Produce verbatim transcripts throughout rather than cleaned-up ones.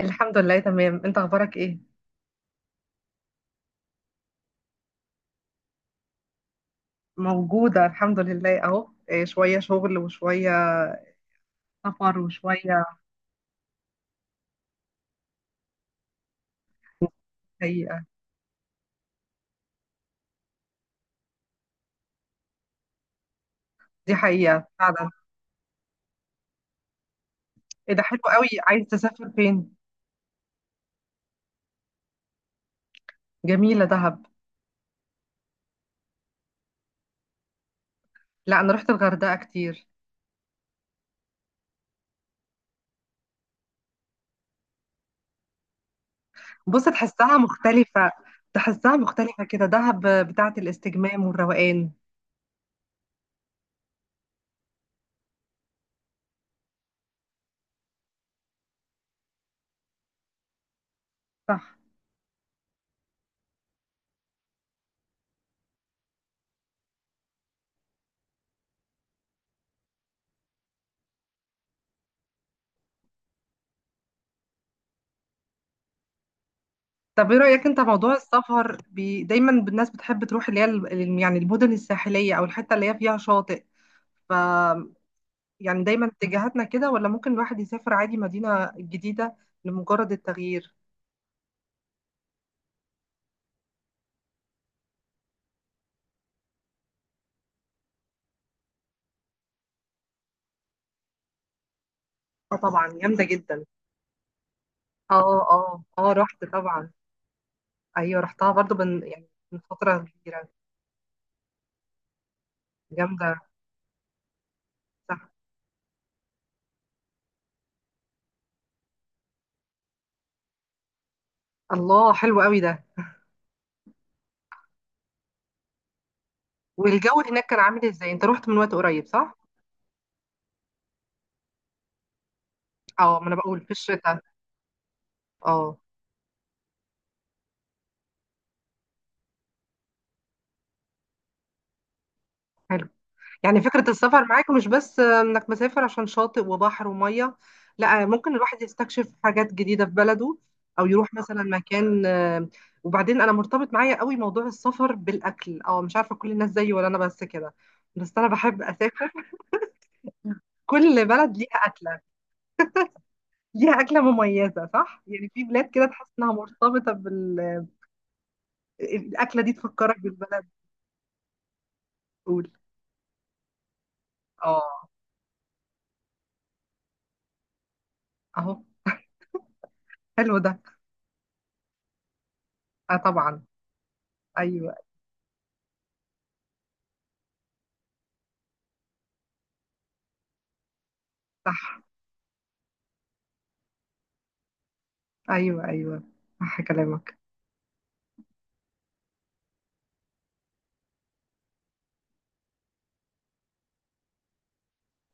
الحمد لله، تمام. انت اخبارك ايه؟ موجودة الحمد لله اهو. إيه، شوية شغل وشوية سفر وشوية. حقيقة. دي حقيقة فعلا. ايه ده، حلو قوي. عايز تسافر فين؟ جميلة دهب. لا، انا رحت الغردقة كتير. بص، تحسها مختلفة. تحسها مختلفة كده، دهب بتاعة الاستجمام والروقان. صح. طب، ايه رأيك انت موضوع السفر بي... دايما الناس بتحب تروح اللي هي ال- ال- يعني المدن الساحلية او الحتة اللي هي فيها شاطئ، يعني دايما اتجاهاتنا كده، ولا ممكن الواحد يسافر عادي مدينة جديدة لمجرد التغيير؟ اه، طبعا جامدة جدا. اه اه اه، رحت طبعا. ايوه رحتها برضو، من يعني من فترة كبيرة. جامدة. صح. الله، حلو قوي ده. والجو هناك كان عامل ازاي؟ انت رحت من وقت قريب، صح؟ اه، ما انا بقول في الشتاء. اه. حلو. يعني فكرة السفر معاك مش بس آه، انك مسافر عشان شاطئ وبحر ومية. لا، آه، ممكن الواحد يستكشف حاجات جديدة في بلده، او يروح مثلا مكان آه، وبعدين انا مرتبط معايا قوي موضوع السفر بالاكل، او مش عارفة كل الناس زيي ولا انا بس كده. بس انا بحب اسافر. كل بلد ليها اكلة. ليها اكلة مميزة، صح؟ يعني في بلاد كده تحس انها مرتبطة بال الاكلة دي تفكرك بالبلد. تقول. اه. اهو. حلو ده. اه طبعا. ايوه. صح. ايوه ايوه، صح كلامك.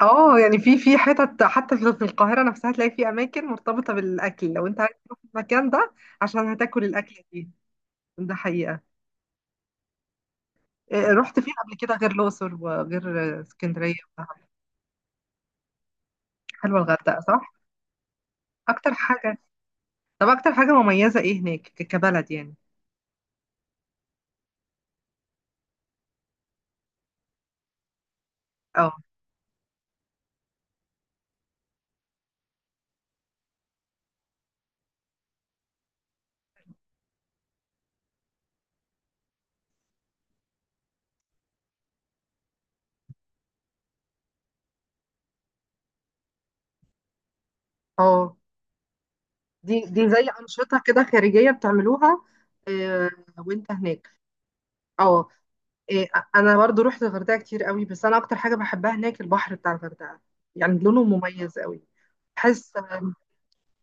اه، يعني في في حتت حتى في في القاهره نفسها تلاقي في اماكن مرتبطه بالاكل، لو انت عايز تروح المكان ده عشان هتاكل الاكله دي. ده حقيقه. إيه، رحت فين قبل كده غير الاقصر وغير اسكندريه ودهب؟ حلوه الغردقه، صح؟ اكتر حاجه. طب اكتر حاجه مميزه ايه هناك ك- كبلد يعني؟ اه اه، دي دي زي انشطه كده خارجيه بتعملوها؟ إيه، وانت هناك؟ اه. إيه، انا برضو رحت الغردقه كتير قوي، بس انا اكتر حاجه بحبها هناك البحر بتاع الغردقه، يعني لونه مميز قوي. بحس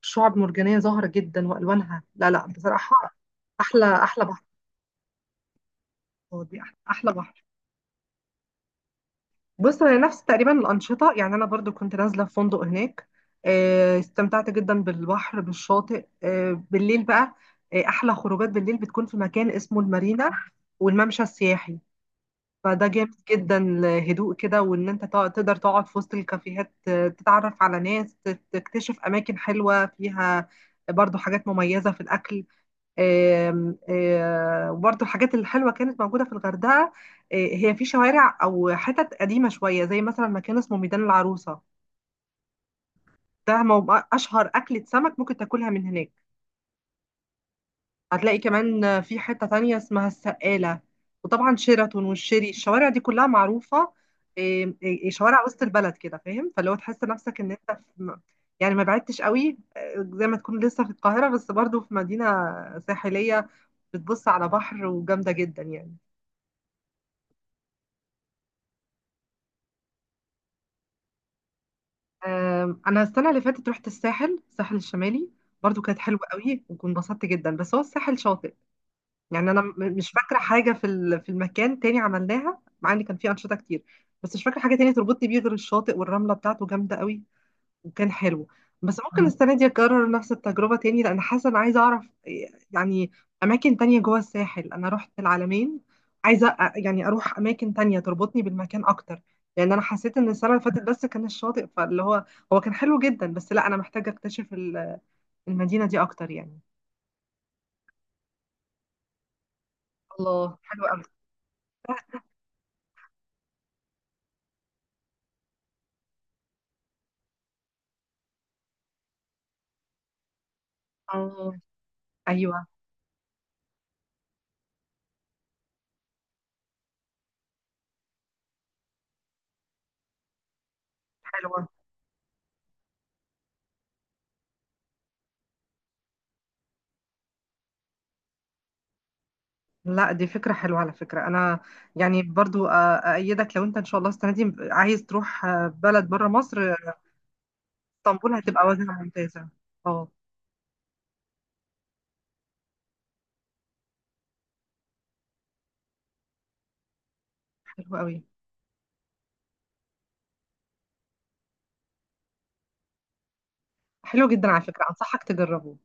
شعب مرجانيه ظاهره جدا والوانها، لا لا بصراحه، احلى احلى بحر. هو دي احلى أحلى بحر. بص، انا نفس تقريبا الانشطه، يعني انا برضو كنت نازله في فندق هناك. آه، استمتعت جدا بالبحر بالشاطئ. آه، بالليل بقى، آه، احلى خروجات بالليل بتكون في مكان اسمه المارينا والممشى السياحي. فده جامد جدا الهدوء كده، وان انت تق- تقدر تقعد في وسط الكافيهات، آه، تتعرف على ناس، تت- تكتشف اماكن حلوة فيها، برضو حاجات مميزة في الأكل. آم، آه، وبرضو الحاجات الحلوة كانت موجودة في الغردقة. آه، هي في شوارع أو حتت قديمة شوية، زي مثلا مكان اسمه ميدان العروسة، ده مو- أشهر أكلة سمك ممكن تاكلها من هناك. هتلاقي كمان في حتة تانية اسمها السقالة، وطبعا شيراتون والشيري، الشوارع دي كلها معروفة. إيه، إيه، شوارع وسط البلد كده فاهم، فلو تحس نفسك ان انت في، يعني ما بعدتش قوي، آه، زي ما تكون لسه في القاهرة، بس برضو في مدينة ساحلية بتبص على بحر، وجامدة جدا يعني. آم، انا السنة اللي فاتت رحت الساحل الساحل الشمالي. برضو كانت حلوة قوي وكنت انبسطت جدا، بس هو الساحل شاطئ يعني. انا م- مش فاكره حاجه في ال- في المكان تاني عملناها، مع ان كان فيه انشطه كتير. بس مش فاكره حاجه تانية تربطني بيه غير الشاطئ، والرمله بتاعته جامده قوي وكان حلو. بس ممكن مم. السنه دي اكرر نفس التجربه تاني، لان حاسه انا عايزه اعرف يعني اماكن تانية جوه الساحل. انا رحت العلمين، عايزه أ- يعني اروح اماكن تانية تربطني بالمكان اكتر، لان انا حسيت ان السنه اللي فاتت بس كان الشاطئ، فاللي هو هو كان حلو جدا بس، لا انا محتاجه اكتشف ال- المدينه دي اكتر يعني. الله، حلو قوي. اه. ايوه، حلوة. لا، دي فكرة حلوة على فكرة. أنا يعني برضو أ- أأيدك، لو أنت إن شاء الله السنة دي عايز تروح آه، بلد بره مصر، اسطنبول هتبقى وجهة ممتازة. اه. حلو قوي. حلو جدا على فكرة، أنصحك تجربه.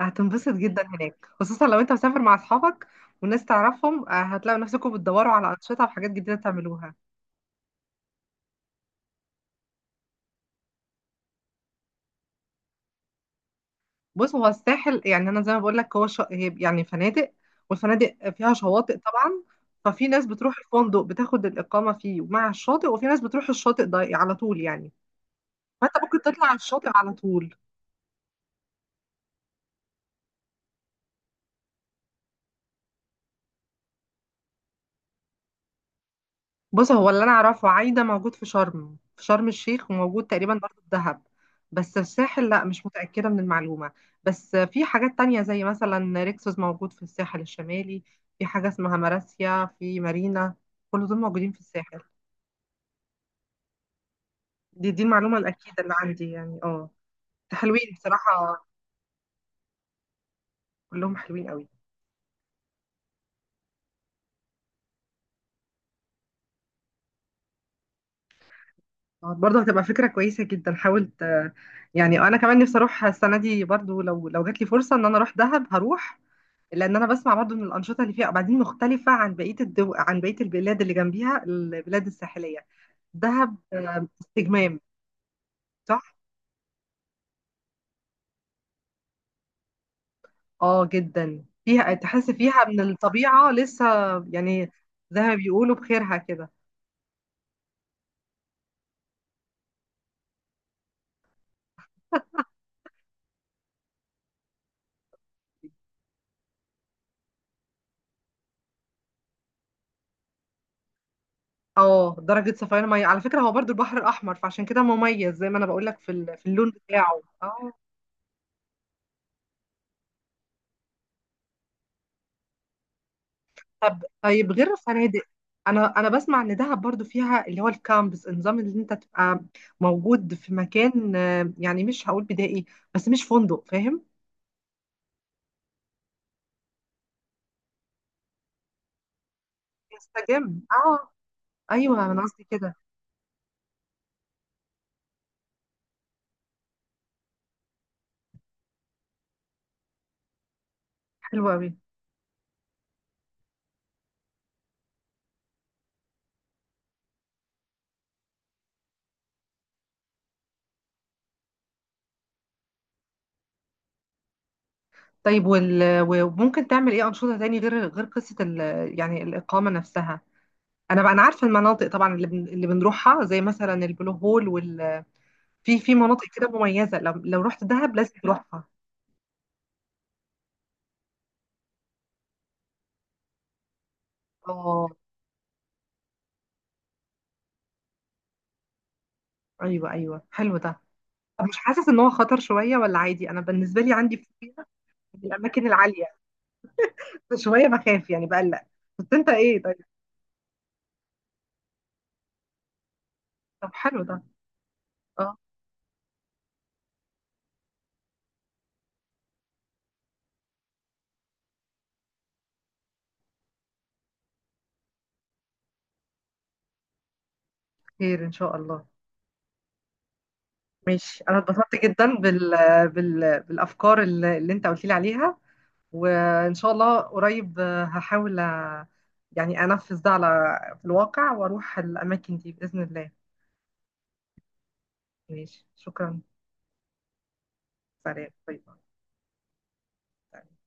هتنبسط جدا هناك، خصوصا لو أنت مسافر مع أصحابك والناس تعرفهم. آه، هتلاقوا نفسكم بتدوروا على أنشطة وحاجات جديدة تعملوها. بص، هو الساحل يعني انا زي ما بقول لك هو ش... هي يعني فنادق، والفنادق فيها شواطئ طبعا. ففي ناس بتروح الفندق بتاخد الاقامه فيه مع الشاطئ، وفي ناس بتروح الشاطئ ده على طول يعني. فانت ممكن تطلع على الشاطئ على طول. بص، هو اللي انا اعرفه عايده موجود في شرم، في شرم الشيخ، وموجود تقريبا برضه في دهب. بس الساحل لا، مش متاكده من المعلومه. بس في حاجات تانية، زي مثلا ريكسوس موجود في الساحل الشمالي. في حاجه اسمها مراسيا في مارينا. كل دول موجودين في الساحل. دي دي المعلومة الأكيدة اللي عندي يعني، اه. ده حلوين بصراحة. كلهم حلوين قوي. آه، برضه هتبقى فكرة كويسة جدا. حاولت آه، يعني آه، أنا كمان نفسي أروح السنة دي برضه، لو لو جات لي فرصة إن أنا أروح دهب هروح، لأن أنا بسمع برضه إن الأنشطة اللي فيها وبعدين مختلفة عن بقية الدو... عن بقية البلاد اللي جنبيها، البلاد الساحلية، دهب آه، استجمام. صح؟ اه جدا، فيها تحس فيها من الطبيعة لسه يعني، زي ما بيقولوا بخيرها كده. اه، درجة صفيان مية على فكرة، هو برضو البحر الأحمر فعشان كده مميز، زي ما أنا بقول لك في ال- في اللون بتاعه، اه. طب طيب غير الفنادق، أنا أنا بسمع إن دهب برضو فيها اللي هو الكامبس، النظام اللي أنت تبقى موجود في مكان آه، يعني مش هقول بدائي، بس مش فندق فاهم؟ يستجم، اه. أيوه، أنا قصدي كده. حلو أوي. طيب، وال... وممكن تعمل إيه أنشطة تاني، غير غير قصة ال... يعني الإقامة نفسها؟ أنا بقى أنا عارفة المناطق طبعا، اللي بن... اللي بنروحها، زي مثلا البلو هول. في في مناطق كده مميزة، لو لو رحت دهب لازم تروحها. اه، ايوه ايوه، حلو ده. طب مش حاسس ان هو خطر شوية ولا عادي؟ انا بالنسبة لي عندي فوبيا من الاماكن العالية. شوية بخاف يعني، بقلق. بس انت ايه، طيب؟ طب، حلو ده. اه. خير ان شاء الله. ماشي، انا اتبسطت جدا بال... بال... بالافكار اللي اللي انت قلت لي عليها. وان شاء الله قريب آه، هحاول آه، يعني انفذ ده على في الواقع، واروح الاماكن دي باذن الله. ماشي، شكرا. سلام، باي باي. طيب.